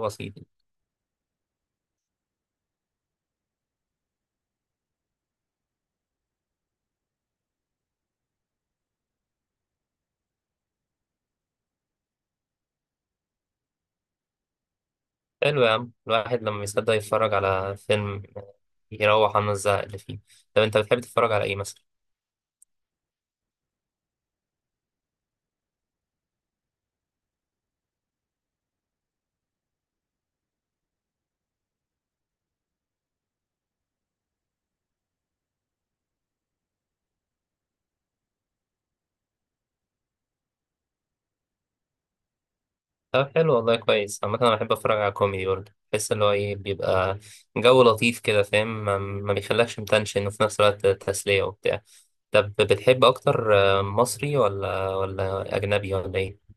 بسيط. حلو يا عم، الواحد لما يصدق يتفرج على فيلم يروح عنه الزهق اللي فيه. طب انت بتحب تتفرج على ايه مثلا؟ طب حلو والله، كويس. عامة انا بحب اتفرج على كوميدي برضه، بحس اللي هو ايه، بيبقى جو لطيف كده، فاهم، ما بيخلكش متنشن وفي نفس الوقت تسلية وبتاع. طب بتحب اكتر مصري ولا اجنبي ولا ايه؟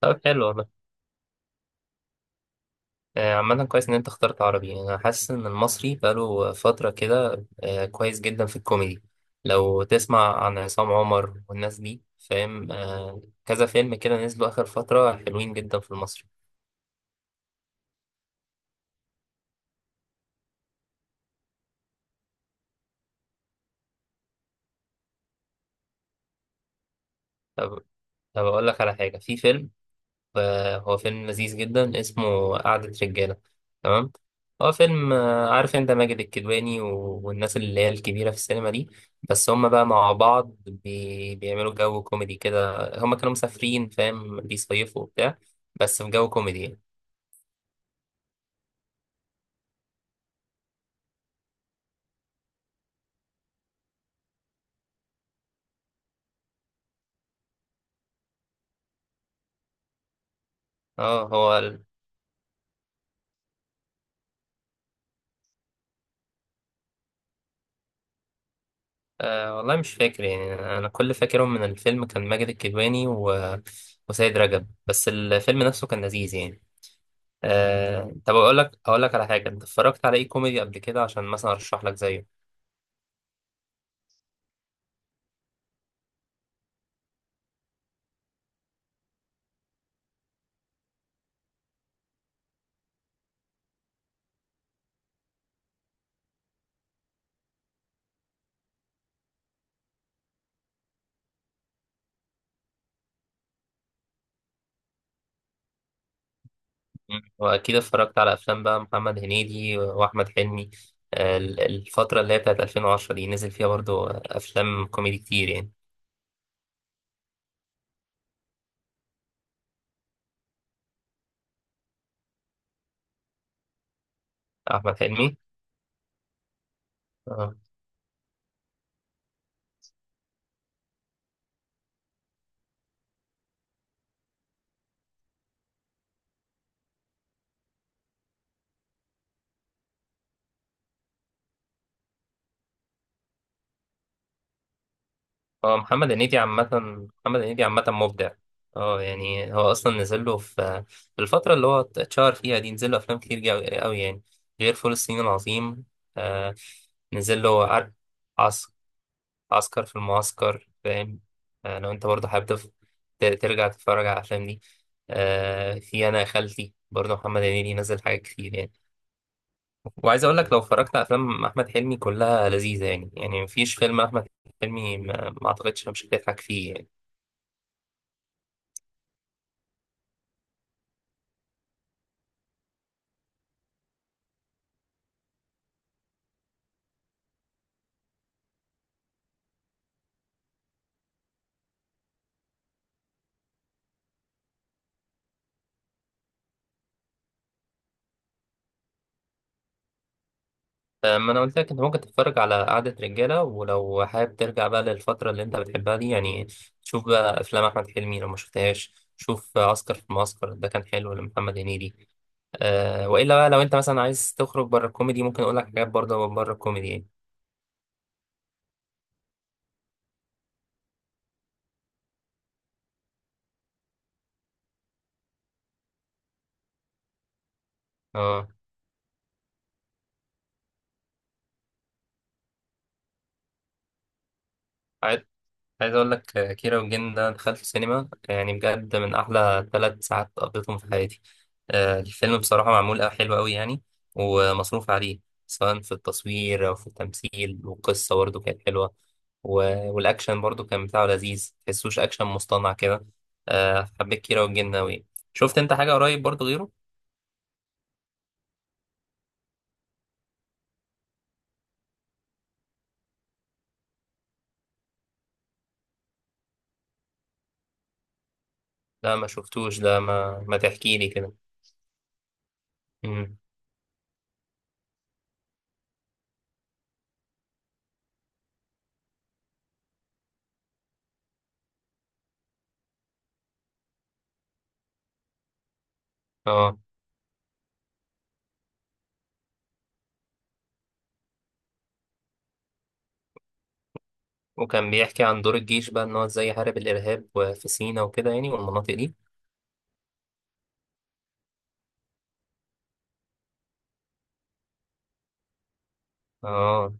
طب حلو والله. عامة كويس إن أنت اخترت عربي، أنا حاسس إن المصري بقاله فترة كده، كويس جدا في الكوميدي. لو تسمع عن عصام عمر والناس دي، فاهم، كذا فيلم كده نزلوا آخر فترة، حلوين جدا في المصري. طب طب أقول لك على حاجة، في فيلم، هو فيلم لذيذ جدا اسمه قعدة رجالة. تمام. هو فيلم، عارف انت ماجد الكدواني والناس اللي هي الكبيرة في السينما دي. بس هم بقى مع بعض بيعملوا جو كوميدي كده. هم كانوا مسافرين، فاهم، بيصيفوا وبتاع، بس في جو كوميدي يعني. اه، هو والله مش فاكر يعني، انا كل فاكرهم من الفيلم كان ماجد الكدواني وسيد رجب، بس الفيلم نفسه كان لذيذ يعني. طب اقول لك على حاجه، انت اتفرجت على ايه كوميدي قبل كده عشان مثلا ارشح لك زيه؟ مم. واكيد اتفرجت على افلام بقى، محمد هنيدي واحمد حلمي. الفتره اللي هي بتاعت 2010 دي، نزل فيها برضو افلام كوميدي كتير يعني. احمد حلمي. اه. هو محمد هنيدي عامه. محمد هنيدي عامه مبدع. اه، يعني هو اصلا نزل له في الفتره اللي هو اتشهر فيها دي، نزل له افلام كتير قوي يعني، غير فول الصين العظيم. آه، نزل له عسكر. عسكر في المعسكر، فاهم. لو انت برضه حابب ترجع تتفرج على الافلام دي. في، انا يا خالتي، برضه محمد هنيدي نزل حاجات كتير يعني. وعايز اقول لك لو اتفرجت على افلام احمد حلمي كلها لذيذه، يعني مفيش فيلم احمد حلمي ما اعتقدش مش هتضحك فيه يعني. فما انا قلت لك، انت ممكن تتفرج على قعده رجاله، ولو حابب ترجع بقى للفتره اللي انت بتحبها دي يعني، شوف بقى افلام احمد حلمي لو ما شفتهاش. شوف عسكر في المعسكر، ده كان حلو لمحمد هنيدي. والا بقى لو انت مثلا عايز تخرج بره الكوميدي، ممكن اقول لك حاجات برضه بره الكوميدي يعني. اه. عايز عايز اقول لك كيرة والجن ده، دخلت السينما يعني بجد من احلى 3 ساعات قضيتهم في حياتي. الفيلم بصراحه معمول حلو قوي يعني، ومصروف عليه، سواء في التصوير او في التمثيل، والقصه برضه كانت حلوه، والاكشن برضه كان بتاعه لذيذ، تحسوش اكشن مصطنع كده. حبيت كيرة والجن قوي. شفت انت حاجه قريب برضه غيره؟ لا، ما شفتوش ده، ما تحكي لي كده. مم. اه، وكان بيحكي عن دور الجيش بقى، ان هو ازاي يحارب الارهاب وفي سينا وكده يعني، والمناطق دي. اه،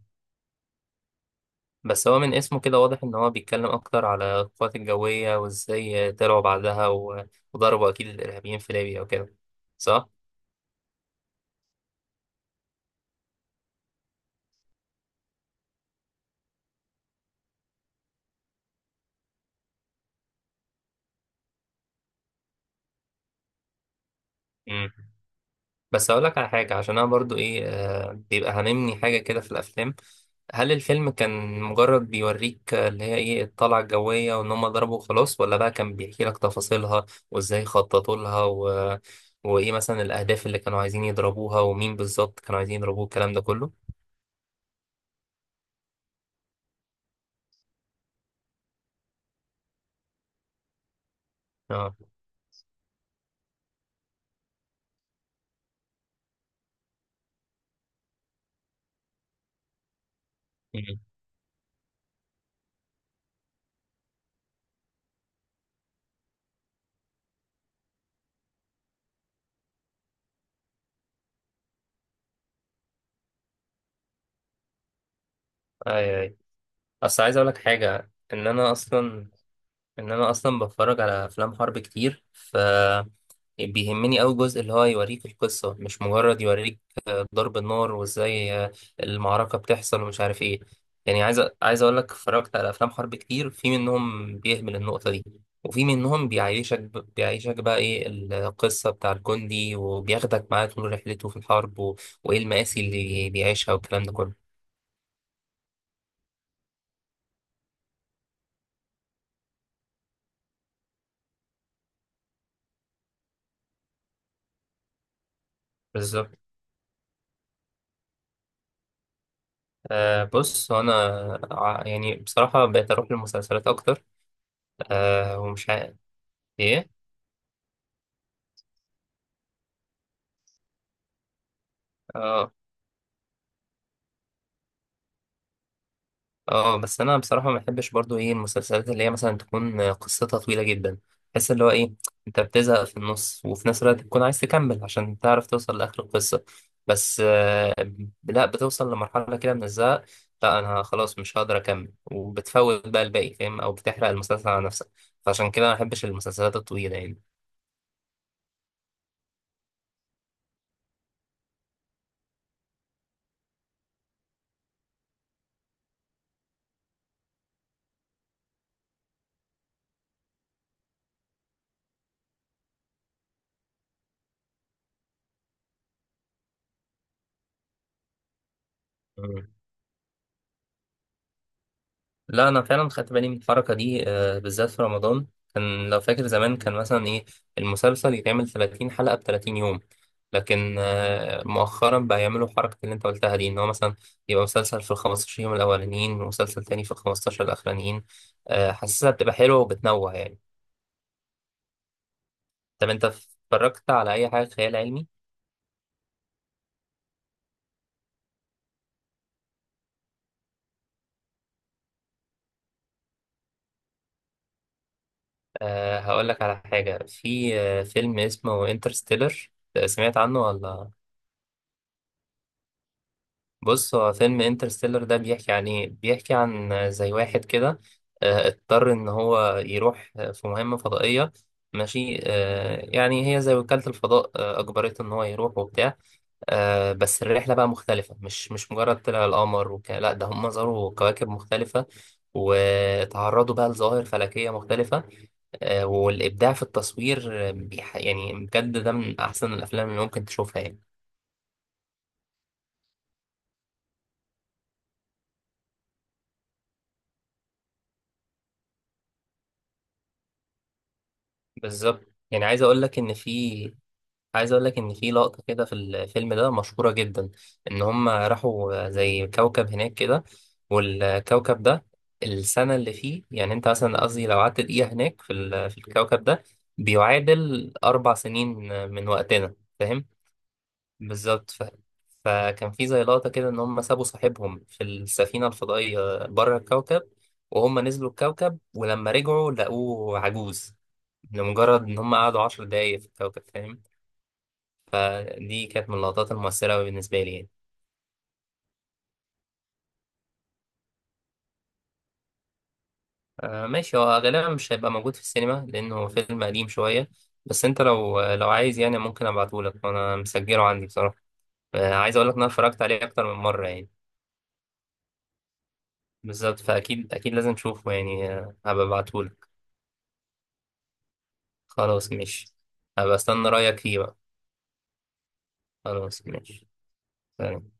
بس هو من اسمه كده واضح ان هو بيتكلم اكتر على القوات الجوية، وازاي طلعوا بعدها وضربوا اكيد الارهابيين في ليبيا وكده. صح؟ بس اقول لك على حاجه، عشان انا برضو ايه، بيبقى هنمني حاجه كده في الافلام. هل الفيلم كان مجرد بيوريك اللي هي ايه، الطلعه الجويه وان هم ضربوا خلاص، ولا بقى كان بيحكي لك تفاصيلها وازاي خططوا لها وايه مثلا الاهداف اللي كانوا عايزين يضربوها، ومين بالظبط كانوا عايزين يضربوه، الكلام ده كله؟ اه. مم. اي، اي. اصل عايز اقول لك حاجه، ان انا اصلا بتفرج على افلام حرب كتير، ف بيهمني أوي جزء اللي هو يوريك القصة، مش مجرد يوريك ضرب النار وازاي المعركة بتحصل ومش عارف ايه. يعني عايز اقول لك، اتفرجت على افلام حرب كتير، في منهم بيهمل النقطة دي، وفي منهم بيعيشك بقى ايه القصة بتاع الجندي، وبياخدك معاه طول رحلته في الحرب وايه المآسي اللي بيعيشها، والكلام ده كله. بالظبط. بص هو انا، يعني بصراحة بقيت اروح للمسلسلات اكتر، ومش عارف ايه. اه. اه، بس انا بصراحه ما بحبش برضو ايه المسلسلات اللي هي مثلا تكون قصتها طويله جدا، بحس اللي هو ايه، انت بتزهق في النص وفي نفس الوقت تكون عايز تكمل عشان تعرف توصل لاخر القصه. بس لا، بتوصل لمرحله كده من الزهق، لا انا خلاص مش هقدر اكمل، وبتفوت بقى الباقي فاهم، او بتحرق المسلسل على نفسك، فعشان كده ما بحبش المسلسلات الطويله يعني. لا انا فعلا خدت بالي من الحركه دي، بالذات في رمضان. كان لو فاكر زمان، كان مثلا ايه، المسلسل يتعمل 30 حلقه ب 30 يوم، لكن مؤخرا بقى يعملوا حركه اللي انت قلتها دي، ان هو مثلا يبقى مسلسل في ال 15 يوم الاولانيين، ومسلسل تاني في ال 15 الاخرانيين. حاسسها بتبقى حلوه وبتنوع يعني. طب انت اتفرجت على اي حاجه خيال علمي؟ هقول لك على حاجه، في فيلم اسمه انترستيلر، سمعت عنه ولا؟ بص، هو فيلم انترستيلر ده بيحكي عن ايه، بيحكي عن زي واحد كده اضطر ان هو يروح في مهمة فضائية، ماشي، يعني هي زي وكالة الفضاء، اجبرته ان هو يروح وبتاع. بس الرحلة بقى مختلفة، مش مجرد طلع القمر لا، ده هم زاروا كواكب مختلفة، وتعرضوا بقى لظواهر فلكية مختلفة. والإبداع في التصوير، يعني بجد ده من أحسن الأفلام اللي ممكن تشوفها يعني. بالظبط. يعني عايز اقول لك ان في لقطه كده في الفيلم ده مشهوره جدا، ان هم راحوا زي كوكب هناك كده، والكوكب ده، السنه اللي فيه يعني، انت مثلا، قصدي لو قعدت دقيقه هناك في الكوكب ده، بيعادل 4 سنين من وقتنا، فاهم. بالظبط فكان في زي لقطه كده، ان هم سابوا صاحبهم في السفينه الفضائيه بره الكوكب، وهم نزلوا الكوكب ولما رجعوا لقوه عجوز، لمجرد ان هم قعدوا 10 دقايق في الكوكب، فاهم. فدي كانت من اللقطات المؤثرة أوي بالنسبة لي يعني. ماشي، هو غالبا مش هيبقى موجود في السينما لأنه فيلم قديم شوية، بس أنت لو عايز يعني، ممكن أبعتهولك وأنا مسجله عندي بصراحة. عايز أقولك إن أنا اتفرجت عليه أكتر من مرة يعني. بالظبط، فأكيد أكيد لازم تشوفه يعني. هبقى أبعتهولك. خلاص ماشي. هبقى أستنى رأيك فيه بقى. خلاص ماشي. سلام.